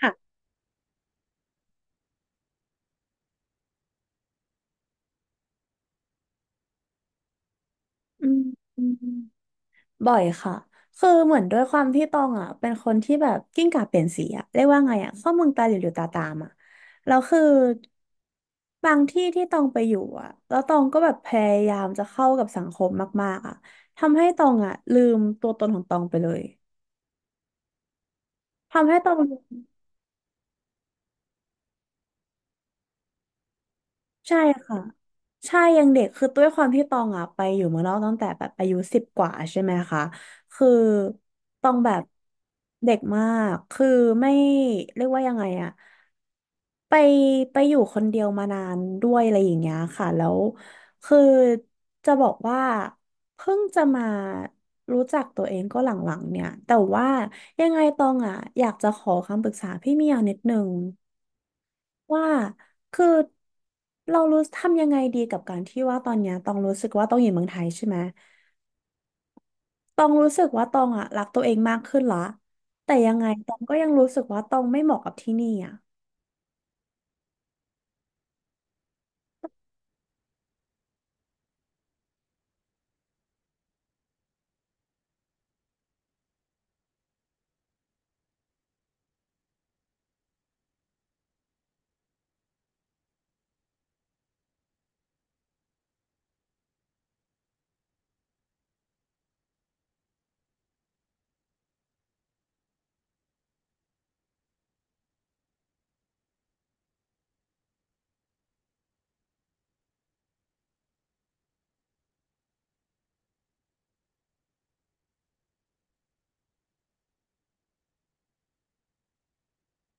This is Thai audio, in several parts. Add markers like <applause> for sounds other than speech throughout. ค่ะอืมอืมบ่อยค่ะ คือเหมือนด้วยความที่ตองอ่ะเป็นคนที่แบบกิ้งก่าเปลี่ยนสีอ่ะเรียกว่าไงอ่ะเข้าเมืองตาหลิวหลิวตาตามอ่ะแล้วคือบางที่ที่ตองไปอยู่อ่ะแล้วตองก็แบบพยายามจะเข้ากับสังคมมากๆอ่ะทำให้ตองอ่ะลืมตัวตนของตองไปเลยทำให้ตอง ใช่ค่ะใช่ยังเด็กคือด้วยความที่ตองอ่ะไปอยู่เมืองนอกตั้งแต่แบบอายุสิบกว่าใช่ไหมคะคือตองแบบเด็กมากคือไม่เรียกว่ายังไงอ่ะไปไปอยู่คนเดียวมานานด้วยอะไรอย่างเงี้ยค่ะแล้วคือจะบอกว่าเพิ่งจะมารู้จักตัวเองก็หลังๆเนี่ยแต่ว่ายังไงตองอ่ะอยากจะขอคำปรึกษาพี่เมียวนิดนึง ว่าคือเรารู้ทำยังไงดีกับการที่ว่าตอนเนี้ยต้องรู้สึกว่าต้องอยู่เมืองไทยใช่ไหมต้องรู้สึกว่าตองอ่ะรักตัวเองมากขึ้นละแต่ยังไงตองก็ยังรู้สึกว่าตองไม่เหมาะกับที่นี่อ่ะ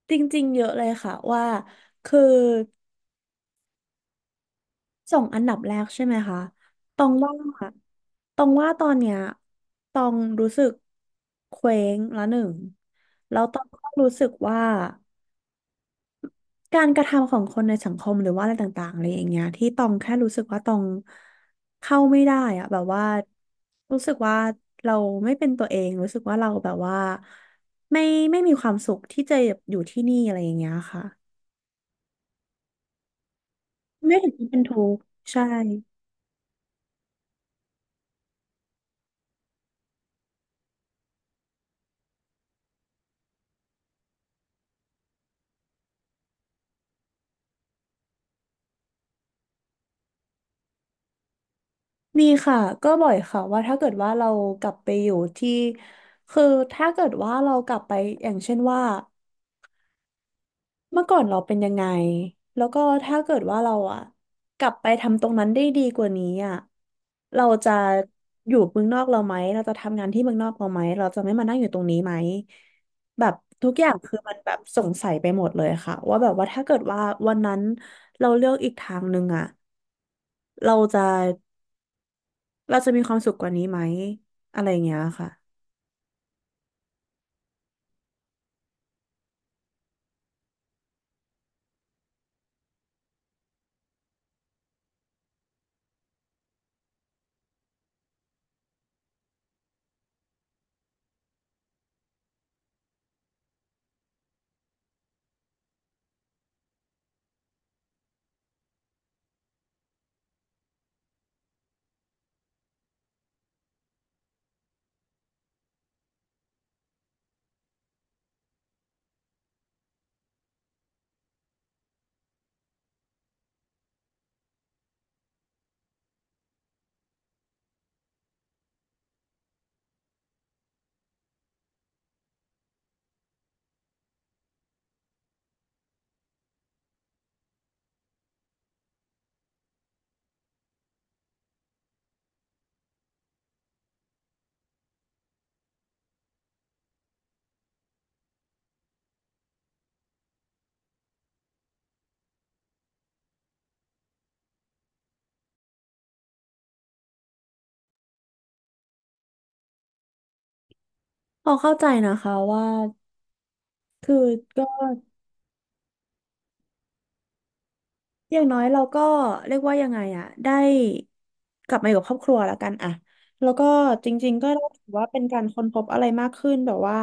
จริงๆเยอะเลยค่ะว่าคือส่งอันดับแรกใช่ไหมคะตองว่าต้องว่าตอนเนี้ยต้องรู้สึกเคว้งละหนึ่งแล้วต้องก็รู้สึกว่า การกระทำของคนในสังคมหรือว่าอะไรต่างๆอะไรอย่างเงี้ยที่ตองแค่รู้สึกว่าตองเข้าไม่ได้อะแบบว่ารู้สึกว่าเราไม่เป็นตัวเองรู้สึกว่าเราแบบว่าไม่ไม่มีความสุขที่จะอยู่ที่นี่อะไรอย่างเงี้ยค่ะไม่ถึงกับเป็นทุกข์ใช่มีค่ะก็บ่อยค่ะว่าถ้าเกิดว่าเรากลับไปอยู่ที่คือถ้าเกิดว่าเรากลับไปอย่างเช่นว่า เมื่อก่อนเราเป็นยังไงแล้วก็ถ้าเกิดว่าเราอะกลับไปทำตรงนั้นได้ดีกว่านี้อะเราจะอยู่เมืองนอกเราไหมเราจะทำงานที่เมืองนอกเราไหมเราจะไม่มานั่งอยู่ตรงนี้ไหมแบบทุกอย่างคือมันแบบสงสัยไปหมดเลยค่ะว่าแบบว่าถ้าเกิดว่าวันนั้นเราเลือกอีกทางหนึ่งอะเราจะเราจะมีความสุขกว่านี้ไหมอะไรอย่างเงี้ยค่ะพอเข้าใจนะคะว่าคือก็ อย่างน้อยเราก็เรียกว่ายังไงอะได้กลับมาอยู่กับครอบครัวแล้วกันอะแล้วก็จริงๆก็ถือว่าเป็นการค้นพบอะไรมากขึ้นแบบว่า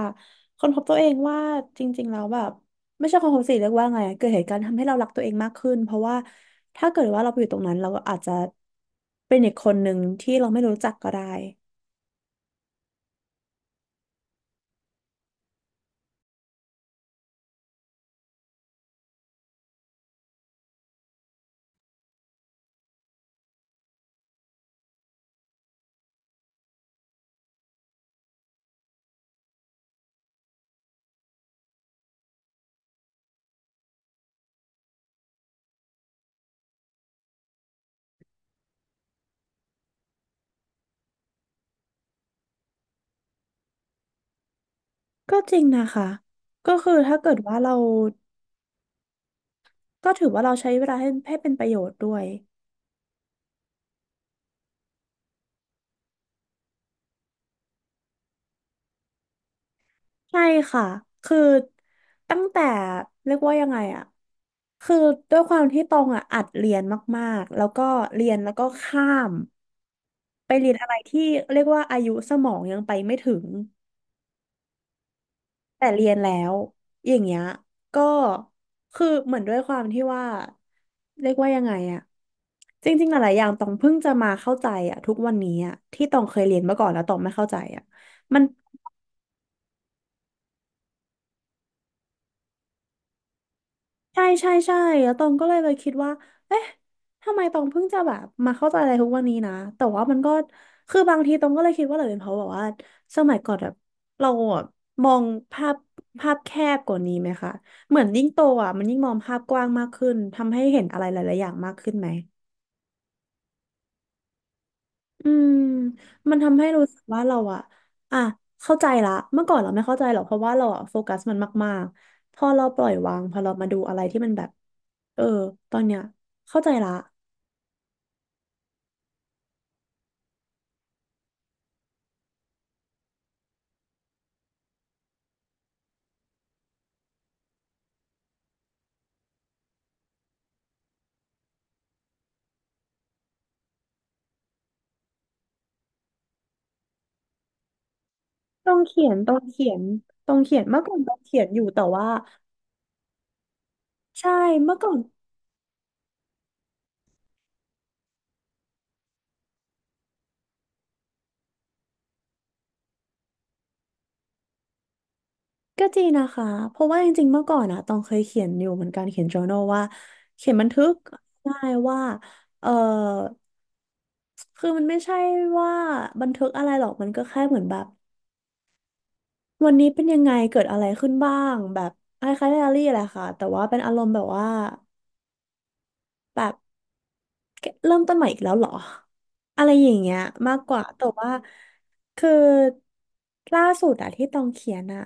ค้นพบตัวเองว่าจริงๆแล้วแบบไม่ใช่ค้นพบสิเรียกว่าไงอะเกิดเหตุการณ์ทำให้เรารักตัวเองมากขึ้นเพราะว่าถ้าเกิดว่าเราไปอยู่ตรงนั้นเราก็อาจจะเป็นอีกคนหนึ่งที่เราไม่รู้จักก็ได้ก็จริงนะคะก็คือถ้าเกิดว่าเราก็ถือว่าเราใช้เวลาให้เป็นประโยชน์ด้วย ใช่ค่ะ คือตั้งแต่เรียกว่ายังไงอะ คือด้วยความที่ตองอะอัดเรียนมากๆแล้วก็เรียนแล้วก็ข้ามไปเรียนอะไรที่เรียกว่าอายุสมองยังไปไม่ถึงแต่เรียนแล้วอย่างเงี้ยก็คือเหมือนด้วยความที่ว่าเรียกว่ายังไงอะจริงๆหลายๆอย่างตองเพิ่งจะมาเข้าใจอะทุกวันนี้อะที่ตองเคยเรียนมาก่อนแล้วตองไม่เข้าใจอะมัน ใช่ใช่ใช่แล้วตองก็เลยไปคิดว่าเอ๊ะทำไมตองเพิ่งจะแบบมาเข้าใจอะไรทุกวันนี้นะแต่ว่ามันก็คือบางทีตองก็เลยคิดว่าหรือเป็นเพราะแบบว่าสมัยก่อนแบบเราอะมองภาพภาพแคบกว่านี้ไหมคะเหมือนยิ่งโตอ่ะมันยิ่งมองภาพกว้างมากขึ้นทำให้เห็นอะไรหลายๆอย่างมากขึ้นไหม อืมมันทำให้รู้สึกว่าเราอะอ่ะเข้าใจละเมื่อก่อนเราไม่เข้าใจหรอกเพราะว่าเราอะโฟกัสมันมากๆพอเราปล่อยวางพอเรามาดูอะไรที่มันแบบเออตอนเนี้ยเข้าใจละต้องเขียนต้องเขียนต้องเขียนเมื่อก่อนต้องเขียนอยู่แต่ว่าใช่เมื่อก่อนก็จริงนะคะเพราะว่าจริงๆเมื่อก่อนอะต้องเคยเขียนอยู่เหมือนกันเขียน journal ว่าเขียนบันทึกได้ว่าเออคือมันไม่ใช่ว่าบันทึกอะไรหรอกมันก็แค่เหมือนแบบ วันนี้เป็นยังไงเกิดอะไรขึ้นบ้างแบบคล้ายๆไดอารี่แหละค่ะแต่ว่าเป็นอารมณ์แบบว่าแบบเริ่มต้นใหม่อีกแล้วเหรอ อะไรอย่างเงี้ยมากกว่าแต่ว่าคือล่าสุดอะที่ตองเขียนอะ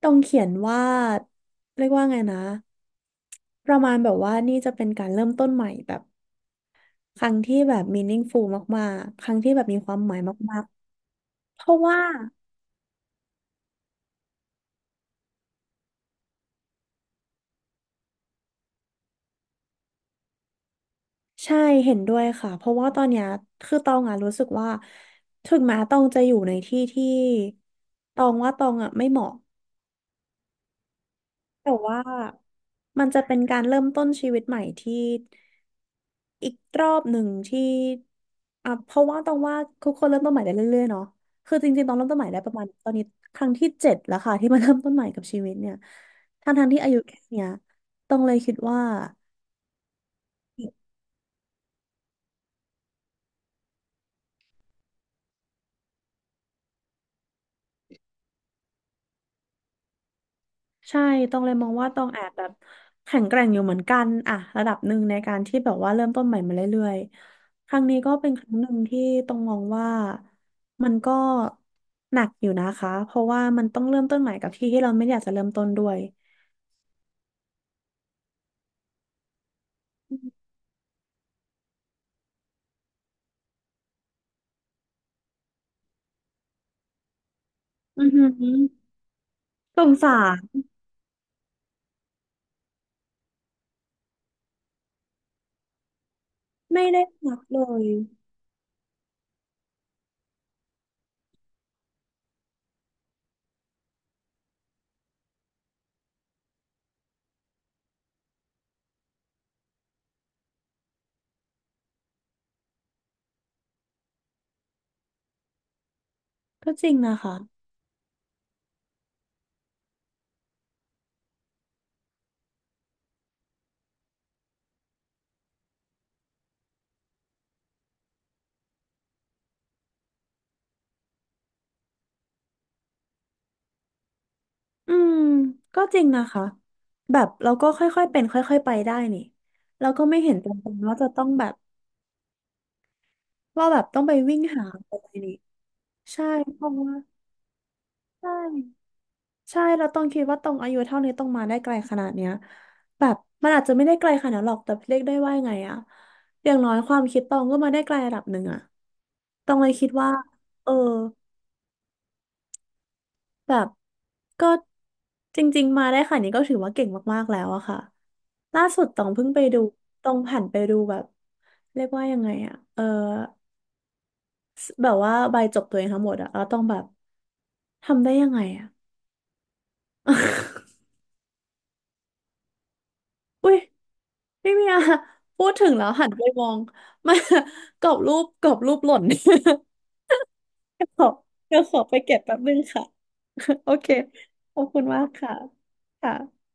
ตองเขียนว่าเรียกว่าไงนะประมาณแบบว่านี่จะเป็นการเริ่มต้นใหม่แบบครั้งที่แบบ meaningful มากๆครั้งที่แบบมีความหมายมากๆเพราะว่า ใช่เห็นด้วยค่ะเพราะว่าตอนเนี้ยคือตองอ่ะรู้สึกว่าถึงแม้ตองจะอยู่ในที่ที่ตองว่าตองอ่ะไม่เหมาะแต่ว่ามันจะเป็นการเริ่มต้นชีวิตใหม่ที่อีกรอบหนึ่งที่อ่ะเพราะว่าตองว่าทุกคนเริ่มต้นใหม่ได้เรื่อยๆเนาะคือจริงๆตองเริ่มต้นใหม่ได้ประมาณตอนนี้ครั้งที่เจ็ดแล้วค่ะที่มาเริ่มต้นใหม่กับชีวิตเนี่ยทั้งๆที่อายุแค่เนี้ยตองเลยคิดว่า ใช่ตองเลยมองว่าตองแอบแบบแข็งแกร่งอยู่เหมือนกันอะระดับหนึ่งในการที่แบบว่าเริ่มต้นใหม่มาเรื่อยๆ ครั้งนี้ก็เป็นครั้งหนึ่งที่ตองมองว่ามันก็หนักอยู่นะคะเพราะว่ามันต้องเริ่มต้นใหม่กับที่ที่เราไม่อยากจะเริ่มต้นด้วยอือหือสงสารไม่ได้รักเลยก็จริงนะคะอืมก็จริงนะคะแบบเราก็ค่อยๆเป็นค่อยๆไปได้นี่เราก็ไม่เห็นจำเป็นว่าจะต้องแบบว่าแบบต้องไปวิ่งหาอะไรนี่ ใช่เพราะว่าใช่ใช่เราต้องคิดว่าตรงอายุเท่านี้ต้องมาได้ไกลขนาดเนี้ยแบบมันอาจจะไม่ได้ไกลขนาดนั้นหรอกแต่เรียกได้ว่าไงอะอย่างน้อยความคิดตองก็มาได้ไกลระดับหนึ่งอะตองเลยคิดว่าเออแบบก็จริงๆมาได้ขนาดนี้ก็ถือว่าเก่งมากๆแล้วอะค่ะล่าสุดตองเพิ่งไปดูตองผ่านไปดูแบบเรียกว่ายังไงอะแบบว่าใบจบตัวเองทั้งหมดอะแล้วตองแบบทำได้ยังไงอะอุ้ย พี่เมีย <laughs> พูดถึงแล้วหันไปมอง <laughs> มากรอบรูปกรอบรูปหล่น <laughs> เดี๋ยวขอเดี๋ยวขอไปเก็บแป๊บนึงค่ะ <laughs> โอเคขอบคุณมากค่ะค่ะ